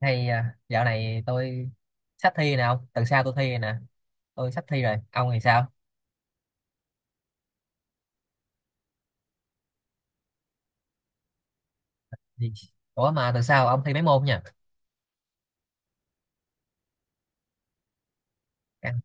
Hay à, dạo này tôi sắp thi nè ông, tuần sau tôi thi rồi nè. Tôi sắp thi rồi, ông thì sao? Gì? Ủa mà tuần sau ông thi mấy môn nhỉ? Căng.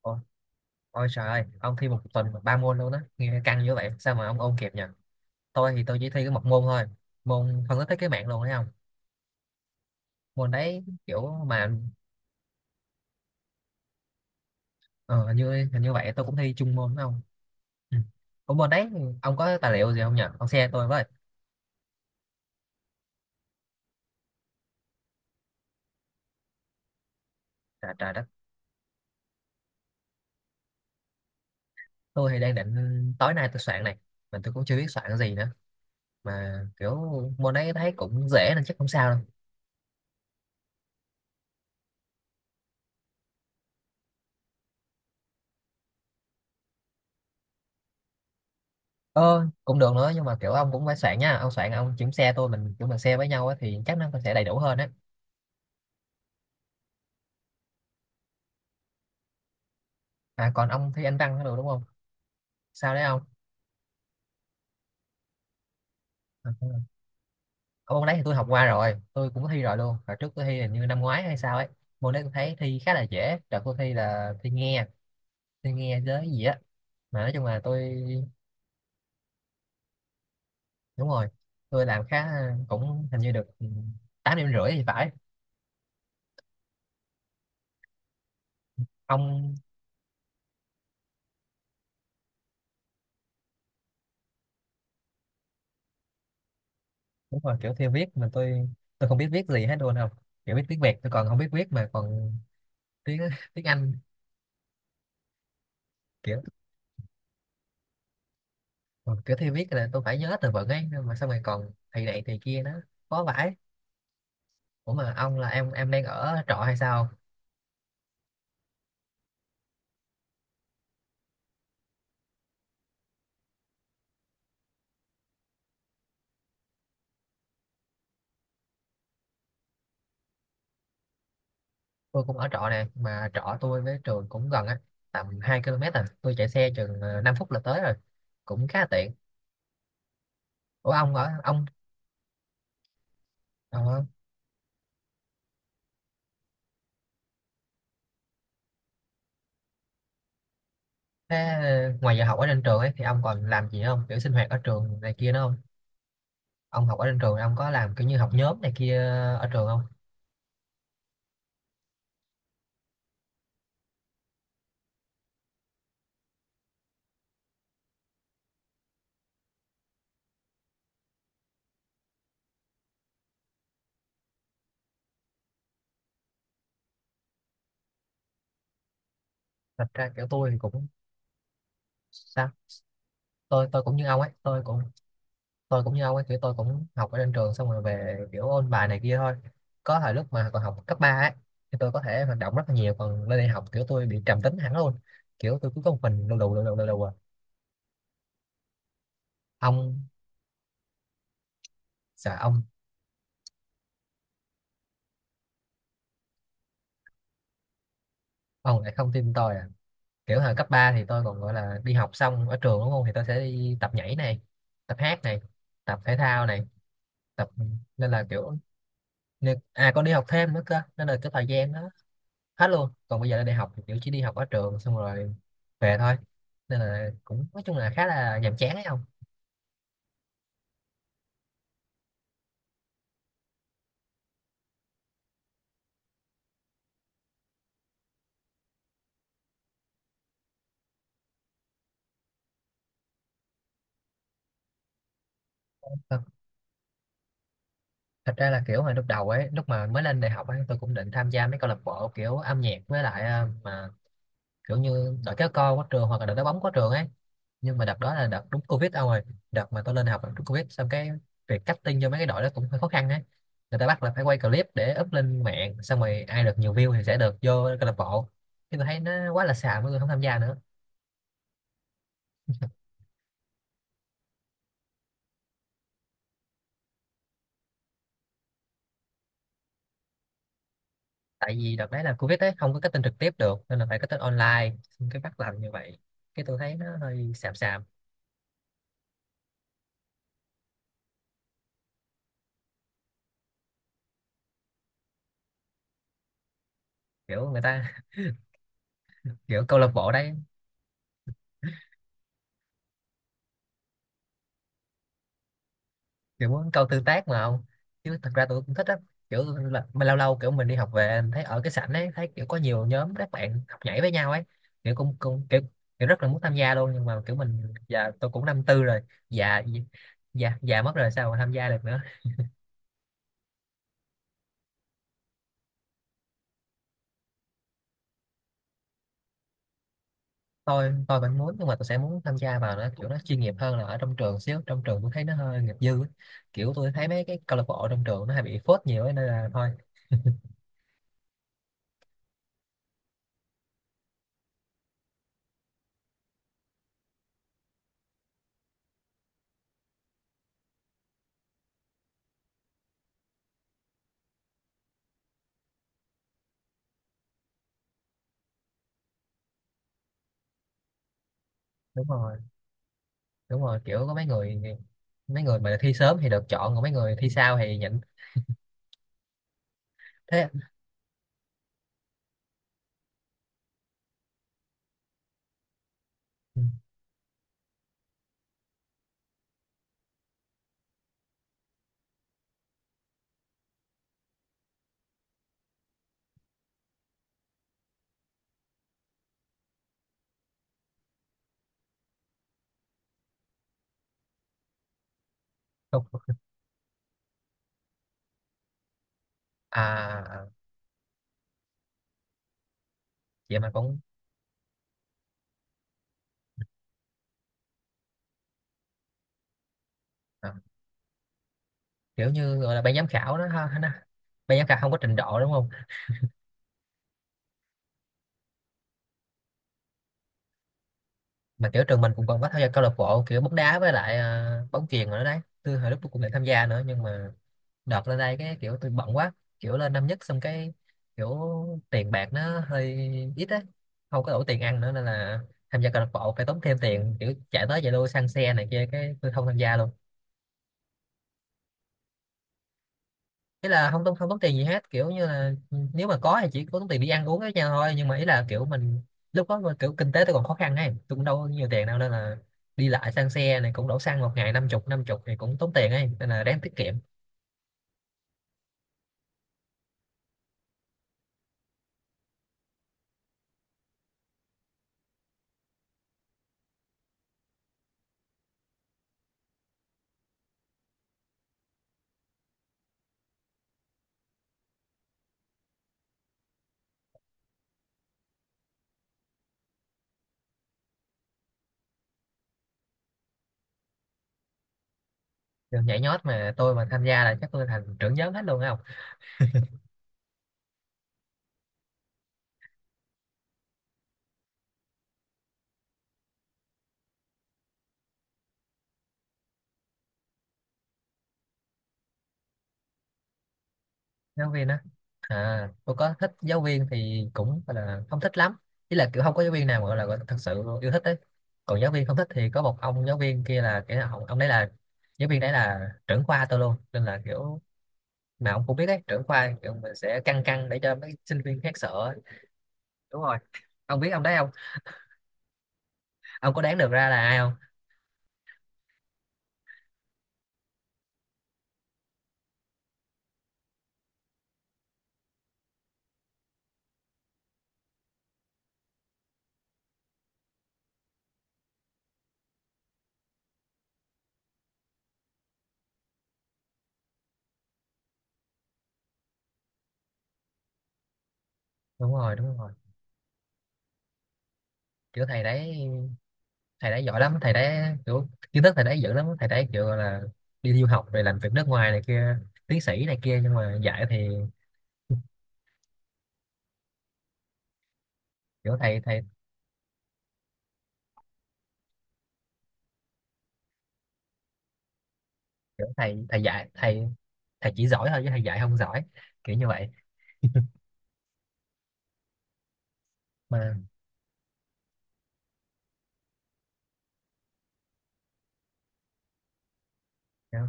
Ôi, ôi trời ơi, ông thi một tuần ba môn luôn đó nghe, căng như vậy sao mà ông ôn kịp nhỉ? Tôi thì tôi chỉ thi có một môn thôi, môn phân tích thiết kế mạng luôn, thấy không? Môn đấy kiểu mà... ờ, hình như vậy, tôi cũng thi chung môn đó ông. Ừ. Ủa môn đấy, ông có tài liệu gì không nhỉ, ông share tôi với. Trời, trời đất. Tôi thì đang định tối nay tôi soạn này, mà tôi cũng chưa biết soạn cái gì nữa, mà kiểu môn đấy thấy cũng dễ nên chắc không sao đâu. Ờ Cũng được nữa, nhưng mà kiểu ông cũng phải soạn nha, ông soạn ông chuyển xe tôi, mình chúng mình xe với nhau á thì chắc nó sẽ đầy đủ hơn á. À, còn ông thi anh văn nữa được đúng không? Sao đấy ông? À, không rồi. Ông, môn đấy thì tôi học qua rồi, tôi cũng có thi rồi luôn, và trước tôi thi hình như năm ngoái hay sao ấy. Môn đấy tôi thấy thi khá là dễ, đợt tôi thi là thi nghe, thi nghe với gì á, mà nói chung là tôi... Đúng rồi. Tôi làm khá, cũng hình như được, ừ, 8 điểm rưỡi thì phải. Ông. Đúng rồi, kiểu theo viết mà tôi không biết viết gì hết luôn, không, kiểu biết tiếng Việt tôi còn không biết viết mà còn tiếng tiếng Anh. Kiểu. Ừ, kiểu theo viết là tôi phải nhớ từ vựng ấy, nhưng mà xong rồi còn thầy này thầy kia nó khó vãi. Ủa mà ông là em đang ở trọ hay sao? Tôi cũng ở trọ nè, mà trọ tôi với trường cũng gần á, tầm 2 km à, tôi chạy xe chừng 5 phút là tới rồi, cũng khá là tiện. Ủa ông ở ông... ờ, Thế ngoài giờ học ở trên trường ấy thì ông còn làm gì không, kiểu sinh hoạt ở trường này kia nữa? Ông học ở trên trường ông có làm kiểu như học nhóm này kia ở trường không? Thật ra kiểu tôi thì cũng... Sao? Tôi cũng như ông ấy, tôi cũng... Tôi cũng như ông ấy, kiểu tôi cũng học ở trên trường xong rồi về kiểu ôn bài này kia thôi. Có thời lúc mà còn học cấp 3 ấy thì tôi có thể hoạt động rất là nhiều, còn lên đại học kiểu tôi bị trầm tính hẳn luôn. Kiểu tôi cứ có một mình, lù đù lù đù lù đù à. Ông, sợ ông. Ông lại không tin tôi à? Kiểu hồi cấp 3 thì tôi còn gọi là đi học xong ở trường đúng không, thì tôi sẽ đi tập nhảy này, tập hát này, tập thể thao này, tập... Nên là kiểu... Nè, à con đi học thêm nữa cơ, nên là cái thời gian đó hết luôn, còn bây giờ là đi học thì kiểu chỉ đi học ở trường xong rồi về thôi, nên là cũng nói chung là khá là nhàm chán ấy không. Thật thật ra là kiểu hồi lúc đầu ấy, lúc mà mới lên đại học ấy, tôi cũng định tham gia mấy câu lạc bộ kiểu âm nhạc với lại, mà kiểu như đợt kéo co quá trường hoặc là đợt đá bóng quá trường ấy, nhưng mà đợt đó là đợt đúng covid đâu rồi, đợt mà tôi lên học là đúng covid, xong cái việc cutting cho mấy cái đội đó cũng hơi khó khăn ấy. Người ta bắt là phải quay clip để up lên mạng, xong rồi ai được nhiều view thì sẽ được vô câu lạc bộ. Nhưng tôi thấy nó quá là xàm, mọi người không tham gia nữa. Tại vì đợt đấy là covid ấy không có cutting trực tiếp được nên là phải cutting online, xong cái bắt làm như vậy, cái tôi thấy nó hơi xàm xàm. Kiểu người ta kiểu câu lạc bộ đấy kiểu muốn câu tương tác mà không... Chứ thật ra tôi cũng thích á, kiểu là mà lâu lâu kiểu mình đi học về mình thấy ở cái sảnh ấy, thấy kiểu có nhiều nhóm các bạn học nhảy với nhau ấy. Kiểu cũng, cũng kiểu, kiểu rất là muốn tham gia luôn, nhưng mà kiểu mình giờ tôi cũng năm 4 rồi, già già già mất rồi, sao mà tham gia được nữa. Tôi vẫn muốn, nhưng mà tôi sẽ muốn tham gia vào nó kiểu nó chuyên nghiệp hơn là ở trong trường xíu, trong trường tôi thấy nó hơi nghiệp dư ấy. Kiểu tôi thấy mấy cái câu lạc bộ trong trường nó hay bị phốt nhiều ấy, nên là thôi. Đúng rồi, đúng rồi, kiểu có mấy người, mấy người mà thi sớm thì được chọn, còn mấy người thi sau thì nhịn. Thế. Ừ, không à. Vậy mà cũng... À, kiểu như gọi là ban giám khảo đó ha, nó, ban giám khảo không có trình độ đúng không? Mà kiểu trường mình cũng còn có tham gia câu lạc bộ kiểu bóng đá với lại à, bóng chuyền rồi đó đấy, tôi hồi lúc tôi cũng định tham gia nữa, nhưng mà đợt lên đây cái kiểu tôi bận quá, kiểu lên năm 1 xong cái kiểu tiền bạc nó hơi ít á, không có đủ tiền ăn nữa nên là tham gia câu lạc bộ phải tốn thêm tiền, kiểu chạy tới chạy lui xăng xe này kia, cái tôi không tham gia luôn. Ý là không tốn tiền gì hết kiểu như là nếu mà có thì chỉ có tốn tiền đi ăn uống với nhau thôi, nhưng mà ý là kiểu mình lúc đó mà kiểu kinh tế tôi còn khó khăn ấy, tôi cũng đâu có nhiều tiền đâu nên là đi lại xăng xe này cũng đổ xăng một ngày 50 chục, năm chục thì cũng tốn tiền ấy, nên là đáng tiết kiệm. Rồi nhảy nhót mà tôi mà tham gia là chắc tôi thành trưởng nhóm hết luôn á. Không. Giáo viên á? À, tôi có thích giáo viên thì cũng gọi là không thích lắm. Ý là kiểu không có giáo viên nào mà gọi là thật sự yêu thích đấy. Còn giáo viên không thích thì có một ông giáo viên kia là cái ông đấy là giáo viên đấy là trưởng khoa tôi luôn, nên là kiểu mà ông cũng biết đấy, trưởng khoa kiểu mình sẽ căng căng để cho mấy sinh viên khác sợ ấy. Đúng rồi. Ông biết ông đấy không? Ông có đoán được ra là ai không? Đúng rồi, đúng rồi, kiểu thầy đấy, thầy đấy giỏi lắm, thầy đấy kiểu kiến thức thầy đấy dữ lắm, thầy đấy kiểu gọi là đi du học rồi làm việc nước ngoài này kia, tiến sĩ này kia, nhưng mà dạy thì kiểu thầy thầy, kiểu thầy thầy dạy thầy, thầy chỉ giỏi thôi chứ thầy dạy không giỏi, kiểu như vậy. Mà kiểu,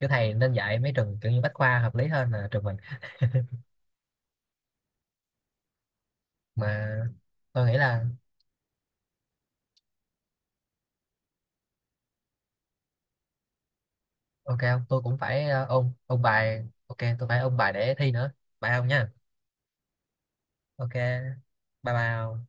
kiểu thầy nên dạy mấy trường kiểu như bách khoa hợp lý hơn là trường mình. Mà tôi nghĩ là... Ok, không tôi cũng phải ôn ôn bài, ok tôi phải ôn bài để thi nữa. Bye ông nha. Ok, bye bye ông.